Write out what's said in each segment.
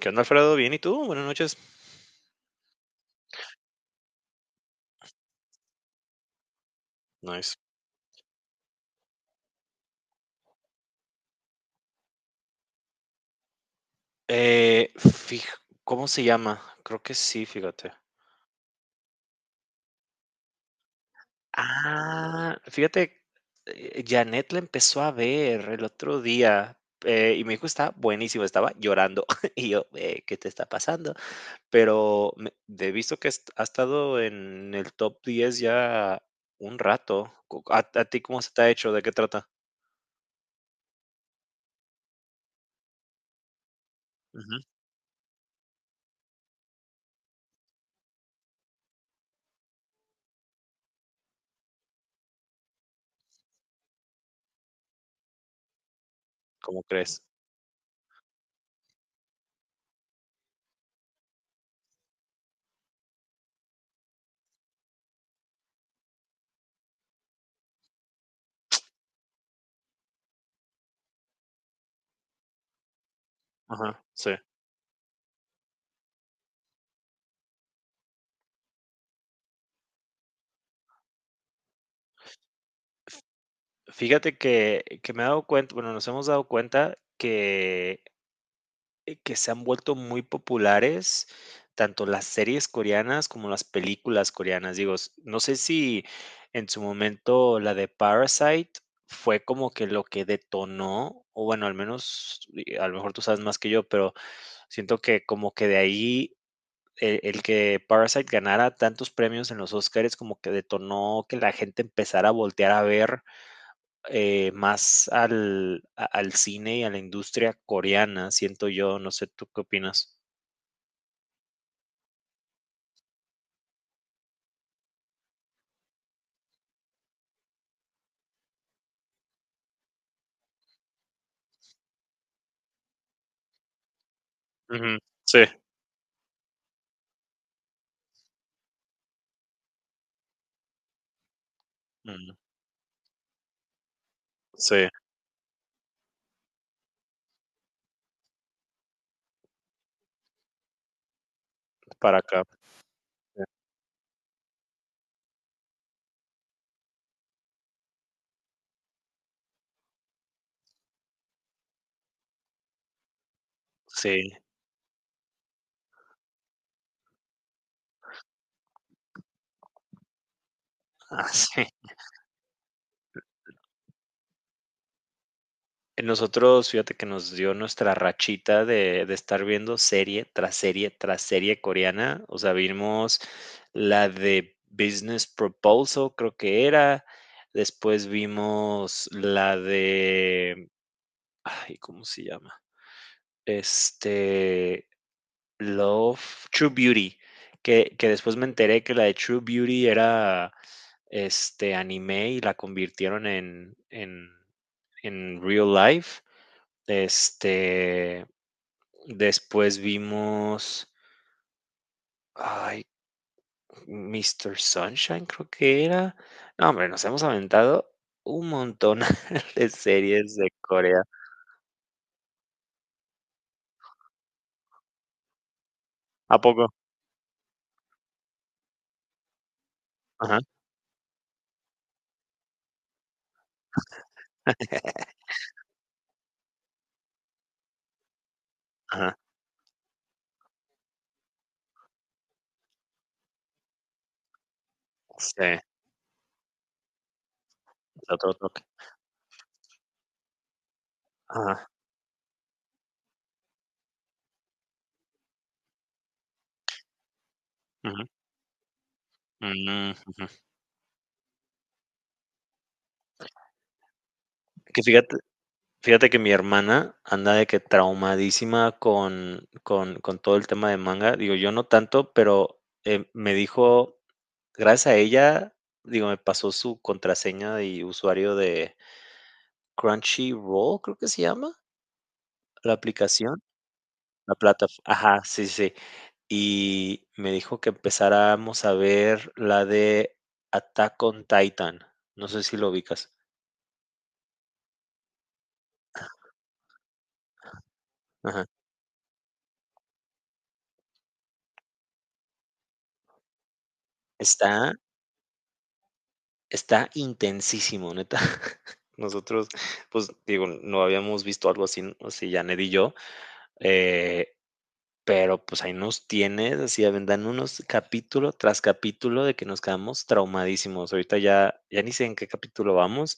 ¿Qué onda, Alfredo? Bien, ¿y tú? Buenas noches. Nice. Eh, fij- ¿cómo se llama? Creo que sí, fíjate. Ah, fíjate, Janet la empezó a ver el otro día y me dijo, está buenísimo, estaba llorando. Y yo, "¿Qué te está pasando? Pero me- he visto que ha estado en el top 10 ya un rato. ¿A ti cómo se te ha hecho? ¿De qué trata? Ujú. ¿Cómo crees? Ajá, sí. Fíjate que me he dado cuenta, bueno, nos hemos dado cuenta que se han vuelto muy populares tanto las series coreanas como las películas coreanas. Digo, s no sé si en su momento la de Parasite fue como que lo que detonó, o bueno, al menos, y a lo mejor tú sabes más que yo, pero siento que como que de ahí el que Parasite ganara tantos premios en los Oscars como que detonó que la gente empezara a voltear a ver más al cine y a la industria coreana, siento yo, no sé, ¿tú qué opinas? Ujú. Sí. Mm. Sí, para acá. Sí. Ah, sí. Nosotros, fíjate que nos dio nuestra rachita de estar viendo serie tras serie tras serie coreana. O sea, vimos la de Business Proposal, creo que era. Después vimos la de, ay, ¿cómo se llama? Este, Love, True Beauty, que después me enteré que la de True Beauty era este anime y la convirtieron en real life. Este, después vimos, ay, Mister Sunshine creo que era. No, hombre, nos hemos aventado un montón de series de Corea. ¿A poco? Ajá, ajá. Sí, otro toque. Ajá, ujú, mm, ujú. Que fíjate Fíjate que mi hermana anda de que traumadísima con todo el tema de manga. Digo, yo no tanto, pero, me dijo, gracias a ella, digo, me pasó su contraseña y usuario de Crunchyroll, creo que se llama la aplicación, la plataforma. Ajá, sí, sí. Sí. Y me dijo que empezáramos a ver la de Attack on Titan. No sé si lo ubicas. Ajá. Está Está intensísimo, neta. Nosotros, pues, digo, no habíamos visto algo así, así Janet y yo, eh, pero pues ahí nos tienes, así avendan unos capítulo tras capítulo de que nos quedamos traumadísimos. Ahorita ya, ya ni sé en qué capítulo vamos,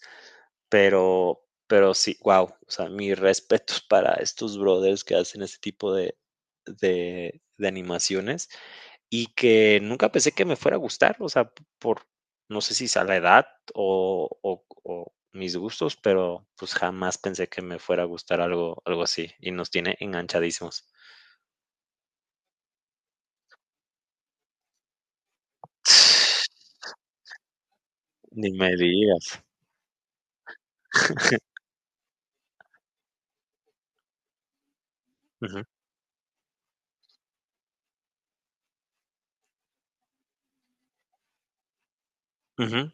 pero sí, wow. O sea, mis respetos para estos brothers que hacen este tipo de animaciones. Y que nunca pensé que me fuera a gustar, o sea, por no sé si sea la edad o mis gustos, pero, pues, jamás pensé que me fuera a gustar algo así, y nos tiene enganchadísimos. Ni me digas. Ujú, ujú.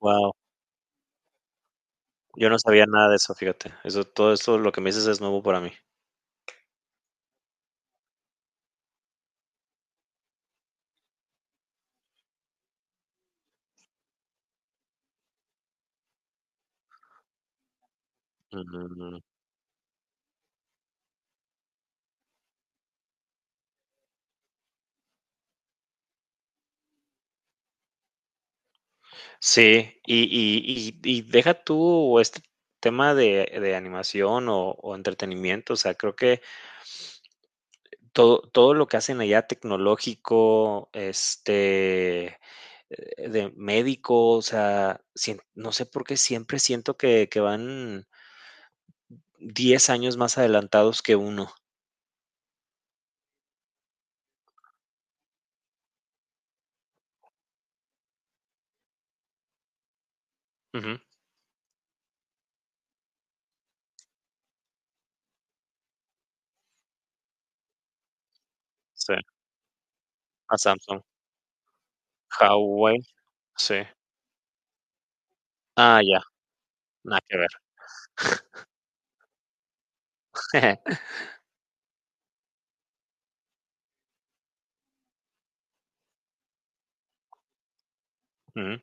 Guau, yo no sabía nada de eso, fíjate. Eso todo eso, lo que me dices es nuevo para mí. Mm, sí, y deja tú este tema de animación o entretenimiento, o sea, creo que todo, todo lo que hacen allá tecnológico, de médico, o sea, no sé por qué siempre siento que van 10 años más adelantados que uno. Ujú. Sí, a Samsung. Huawei, sí. Ah, ya, nada que ver. Ujú,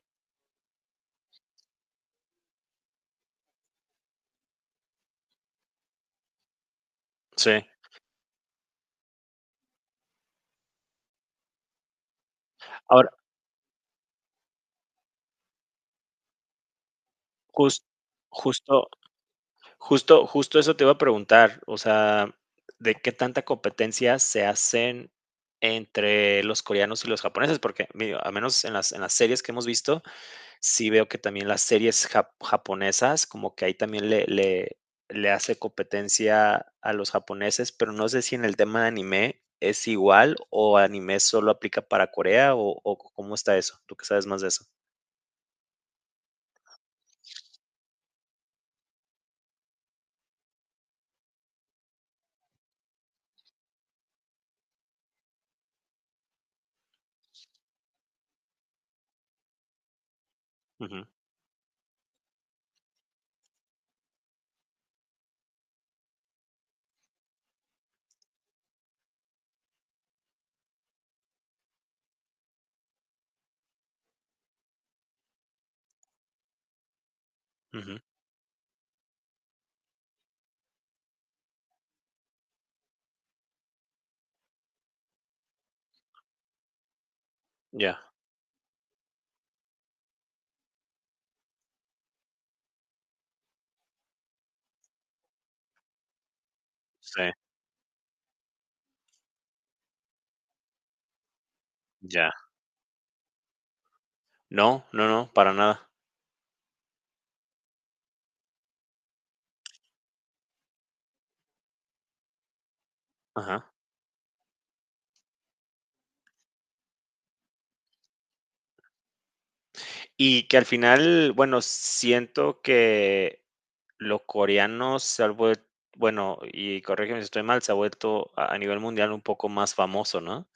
sí. Ahora, jus- justo justo eso te iba a preguntar, o sea, ¿de qué tanta competencia se hacen entre los coreanos y los japoneses? Porque al menos en las series que hemos visto, sí veo que también las series japonesas, como que ahí también le hace competencia a los japoneses, pero no sé si en el tema de anime es igual o anime solo aplica para Corea o cómo está eso, tú que sabes más de eso. Ujú, ujú. Ya, sí, ya. No, no, no, para nada. Ajá. Y que al final, bueno, siento que los coreanos se ha vuelto, bueno, y corrígeme si estoy mal, se ha vuelto a nivel mundial un poco más famoso, ¿no?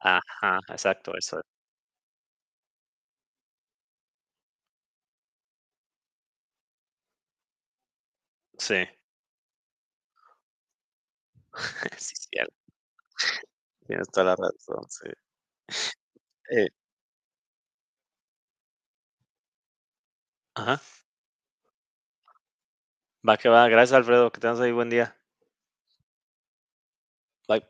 Ajá, exacto, eso. Sí, sí, cierto. Tienes toda la razón, sí. Eh, ajá, va que va. Gracias, Alfredo. Que tengas ahí buen día. Bye.